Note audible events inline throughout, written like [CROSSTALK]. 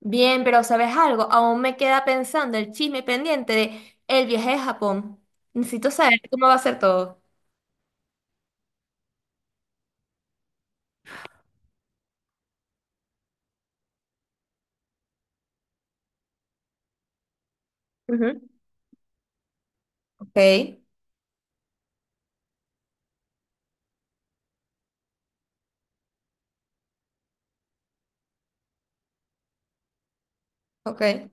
Bien, pero ¿sabes algo? Aún me queda pensando el chisme pendiente de el viaje a Japón. Necesito saber cómo va a ser todo. Ujú. Ok, ok.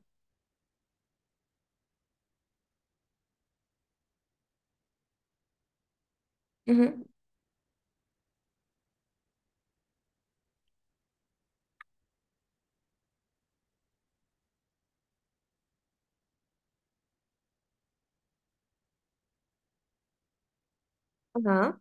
Ujú. Ajá.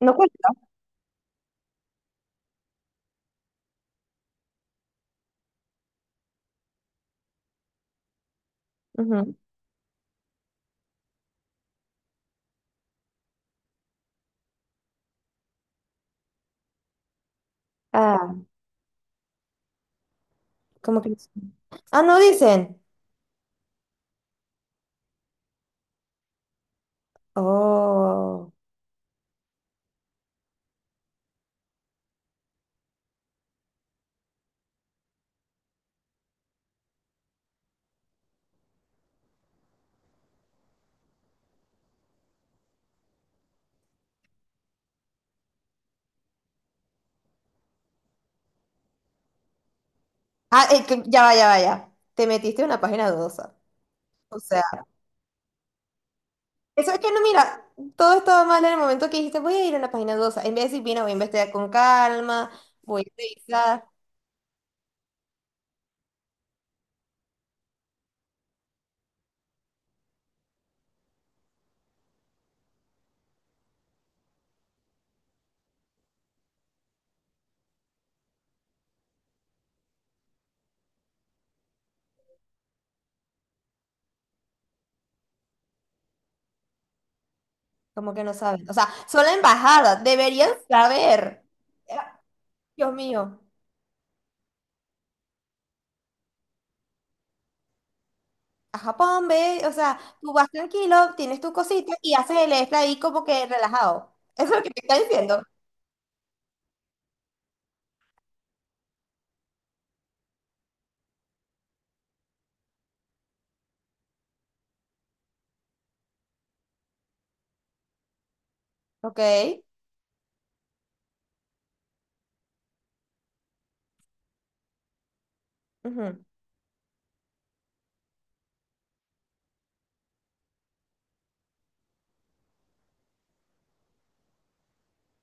No cuenta. Ujú. Ah, ¿cómo que no sé? Ah, no dicen. Oh. Ah, ya va, ya va, ya. Te metiste en una página dudosa. O sea, eso es que no, mira, todo estaba mal en el momento que dijiste, voy a ir a una página dudosa. En vez de decir, mira, voy a investigar con calma, voy a revisar. Como que no saben. O sea, solo la embajada, deberían saber. Eh, Dios mío, a Japón, ve, o sea, tú vas tranquilo, tienes tu cosita y haces el extra ahí como que relajado. [LAUGHS] Eso es lo que te está diciendo. Ok. Ujú.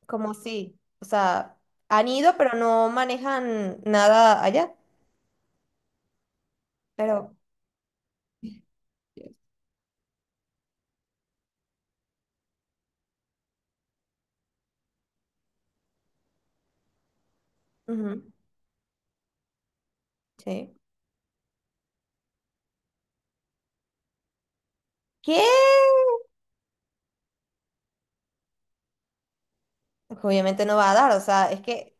Como si, o sea, han ido, pero no manejan nada allá. Pero, ujú, sí. ¿Qué? Obviamente no va a dar, o sea, es que,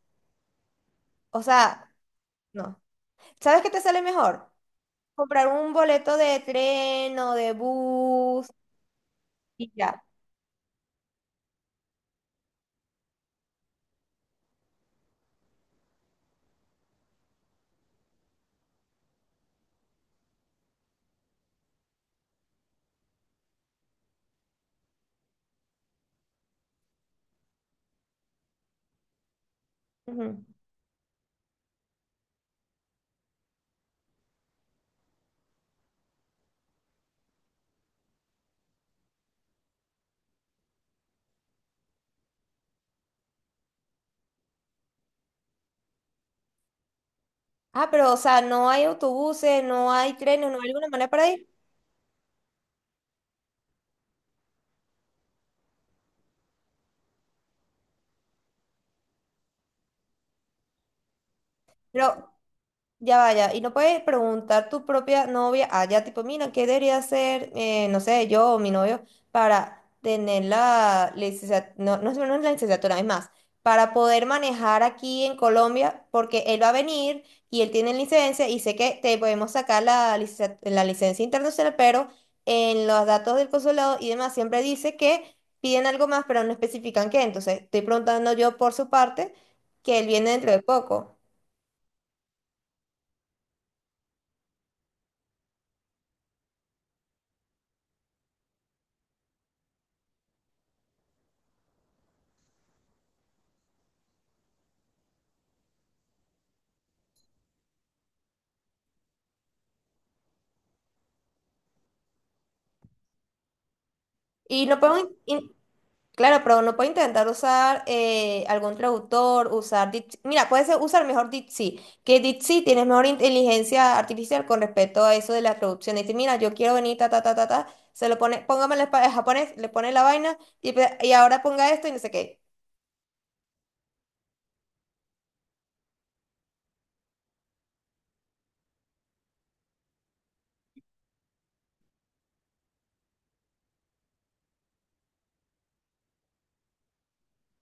o sea, no. ¿Sabes qué te sale mejor? Comprar un boleto de tren o de bus y ya. Ujú. Ah, pero o sea, no hay autobuses, no hay trenes, no hay alguna manera para ir. Pero ya vaya, y no puedes preguntar tu propia novia allá, tipo, mira, ¿qué debería hacer, no sé, yo o mi novio para tener la licenciatura, no, no, no es la licenciatura, es más, para poder manejar aquí en Colombia, porque él va a venir y él tiene licencia y sé que te podemos sacar la, la licencia internacional, pero en los datos del consulado y demás siempre dice que piden algo más, pero no especifican qué, entonces estoy preguntando yo por su parte que él viene dentro de poco. Y no podemos claro, pero uno puede intentar usar algún traductor, usar Dipsy. Mira, puede ser usar mejor Dipsy, que Dipsy tiene mejor inteligencia artificial con respecto a eso de la traducción. Dice, mira, yo quiero venir, ta, ta, ta, ta, ta. Se lo pone, póngame en japonés, le pone la vaina y, y ahora ponga esto y no sé qué.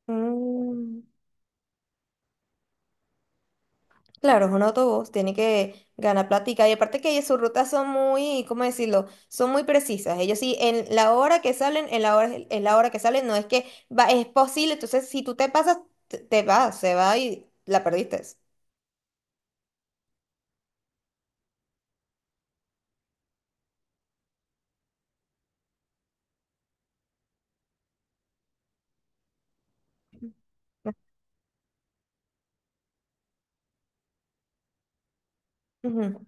Mm. Claro, es un autobús, tiene que ganar plática. Y aparte que sus rutas son muy, ¿cómo decirlo? Son muy precisas. Ellos sí, en la hora que salen, en la hora que salen, no es que va, es posible. Entonces, si tú te pasas, te vas, se va y la perdiste. Ujú.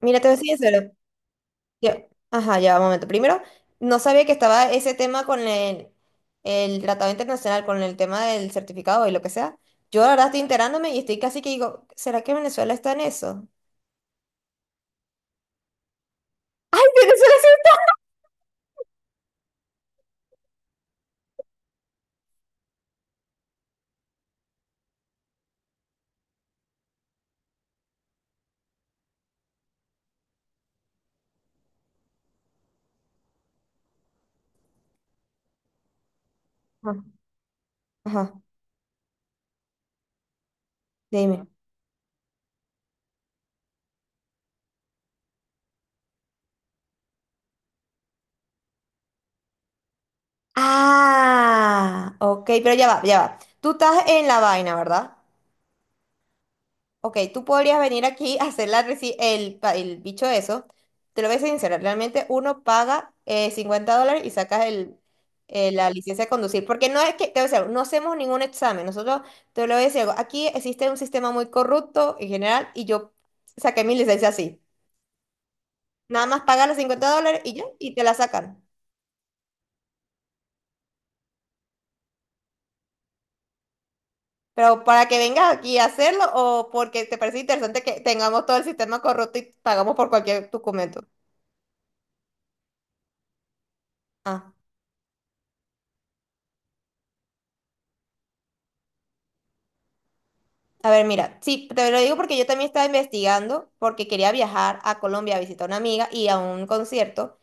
Mira, te voy a decir eso. Yo, ajá, ya, un momento. Primero, no sabía que estaba ese tema con el tratado internacional, con el tema del certificado y lo que sea. Yo ahora estoy enterándome y estoy casi que digo, ¿será que Venezuela está en eso? Venezuela sí. Ajá. Dime. Ah, ok, pero ya va, ya va. Tú estás en la vaina, ¿verdad? Ok, tú podrías venir aquí a hacer la el bicho eso. Te lo voy a ser sincera, realmente uno paga 50 dólares y sacas el, la licencia de conducir. Porque no es que, te voy a decir algo, no hacemos ningún examen. Nosotros, te lo voy a decir algo, aquí existe un sistema muy corrupto en general y yo saqué mi licencia así. Nada más pagas los 50 dólares y ya, y te la sacan. Pero para que vengas aquí a hacerlo o porque te parece interesante que tengamos todo el sistema corrupto y pagamos por cualquier documento. Ah, a ver, mira, sí, te lo digo porque yo también estaba investigando porque quería viajar a Colombia a visitar a una amiga y a un concierto.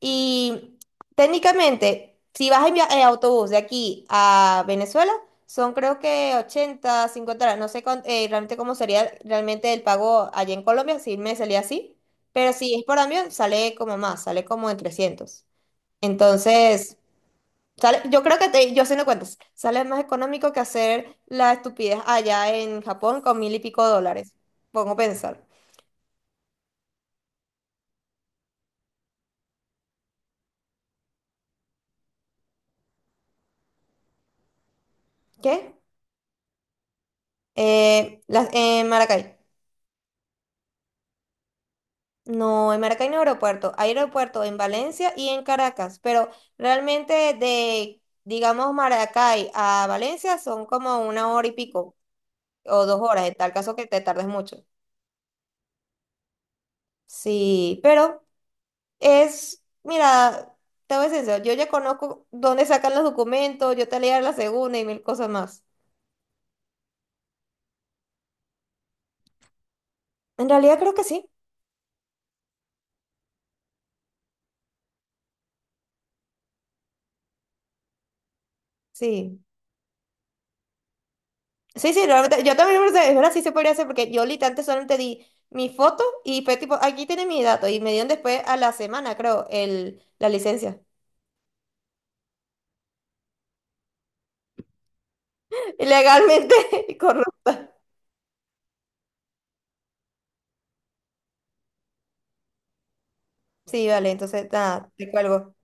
Y técnicamente, si vas en, en autobús de aquí a Venezuela, son creo que 80 50 dólares. No sé realmente cómo sería realmente el pago allá en Colombia, si me salía así. Pero si es por avión, sale como más, sale como en 300. Entonces, sale, yo creo que te, yo haciendo cuentas, sale más económico que hacer la estupidez allá en Japón con 1000 y pico dólares. Pongo a pensar. ¿Qué? En Maracay. No, en Maracay no hay aeropuerto. Hay aeropuerto en Valencia y en Caracas, pero realmente de, digamos, Maracay a Valencia son como una hora y pico o dos horas, en tal caso que te tardes mucho. Sí, pero es, mira, te voy a ser sincera, yo ya conozco dónde sacan los documentos, yo te leía la segunda y mil cosas más. En realidad creo que sí, sí. Sí, sí, realmente, yo también, pensé, es verdad, sí se podría hacer, porque yo literalmente solamente di mi foto y fue tipo, aquí tiene mi dato, y me dieron después a la semana, creo, el, la licencia. [LAUGHS] Ilegalmente, [LAUGHS] corrupto. Sí, vale, entonces, nada, te cuelgo.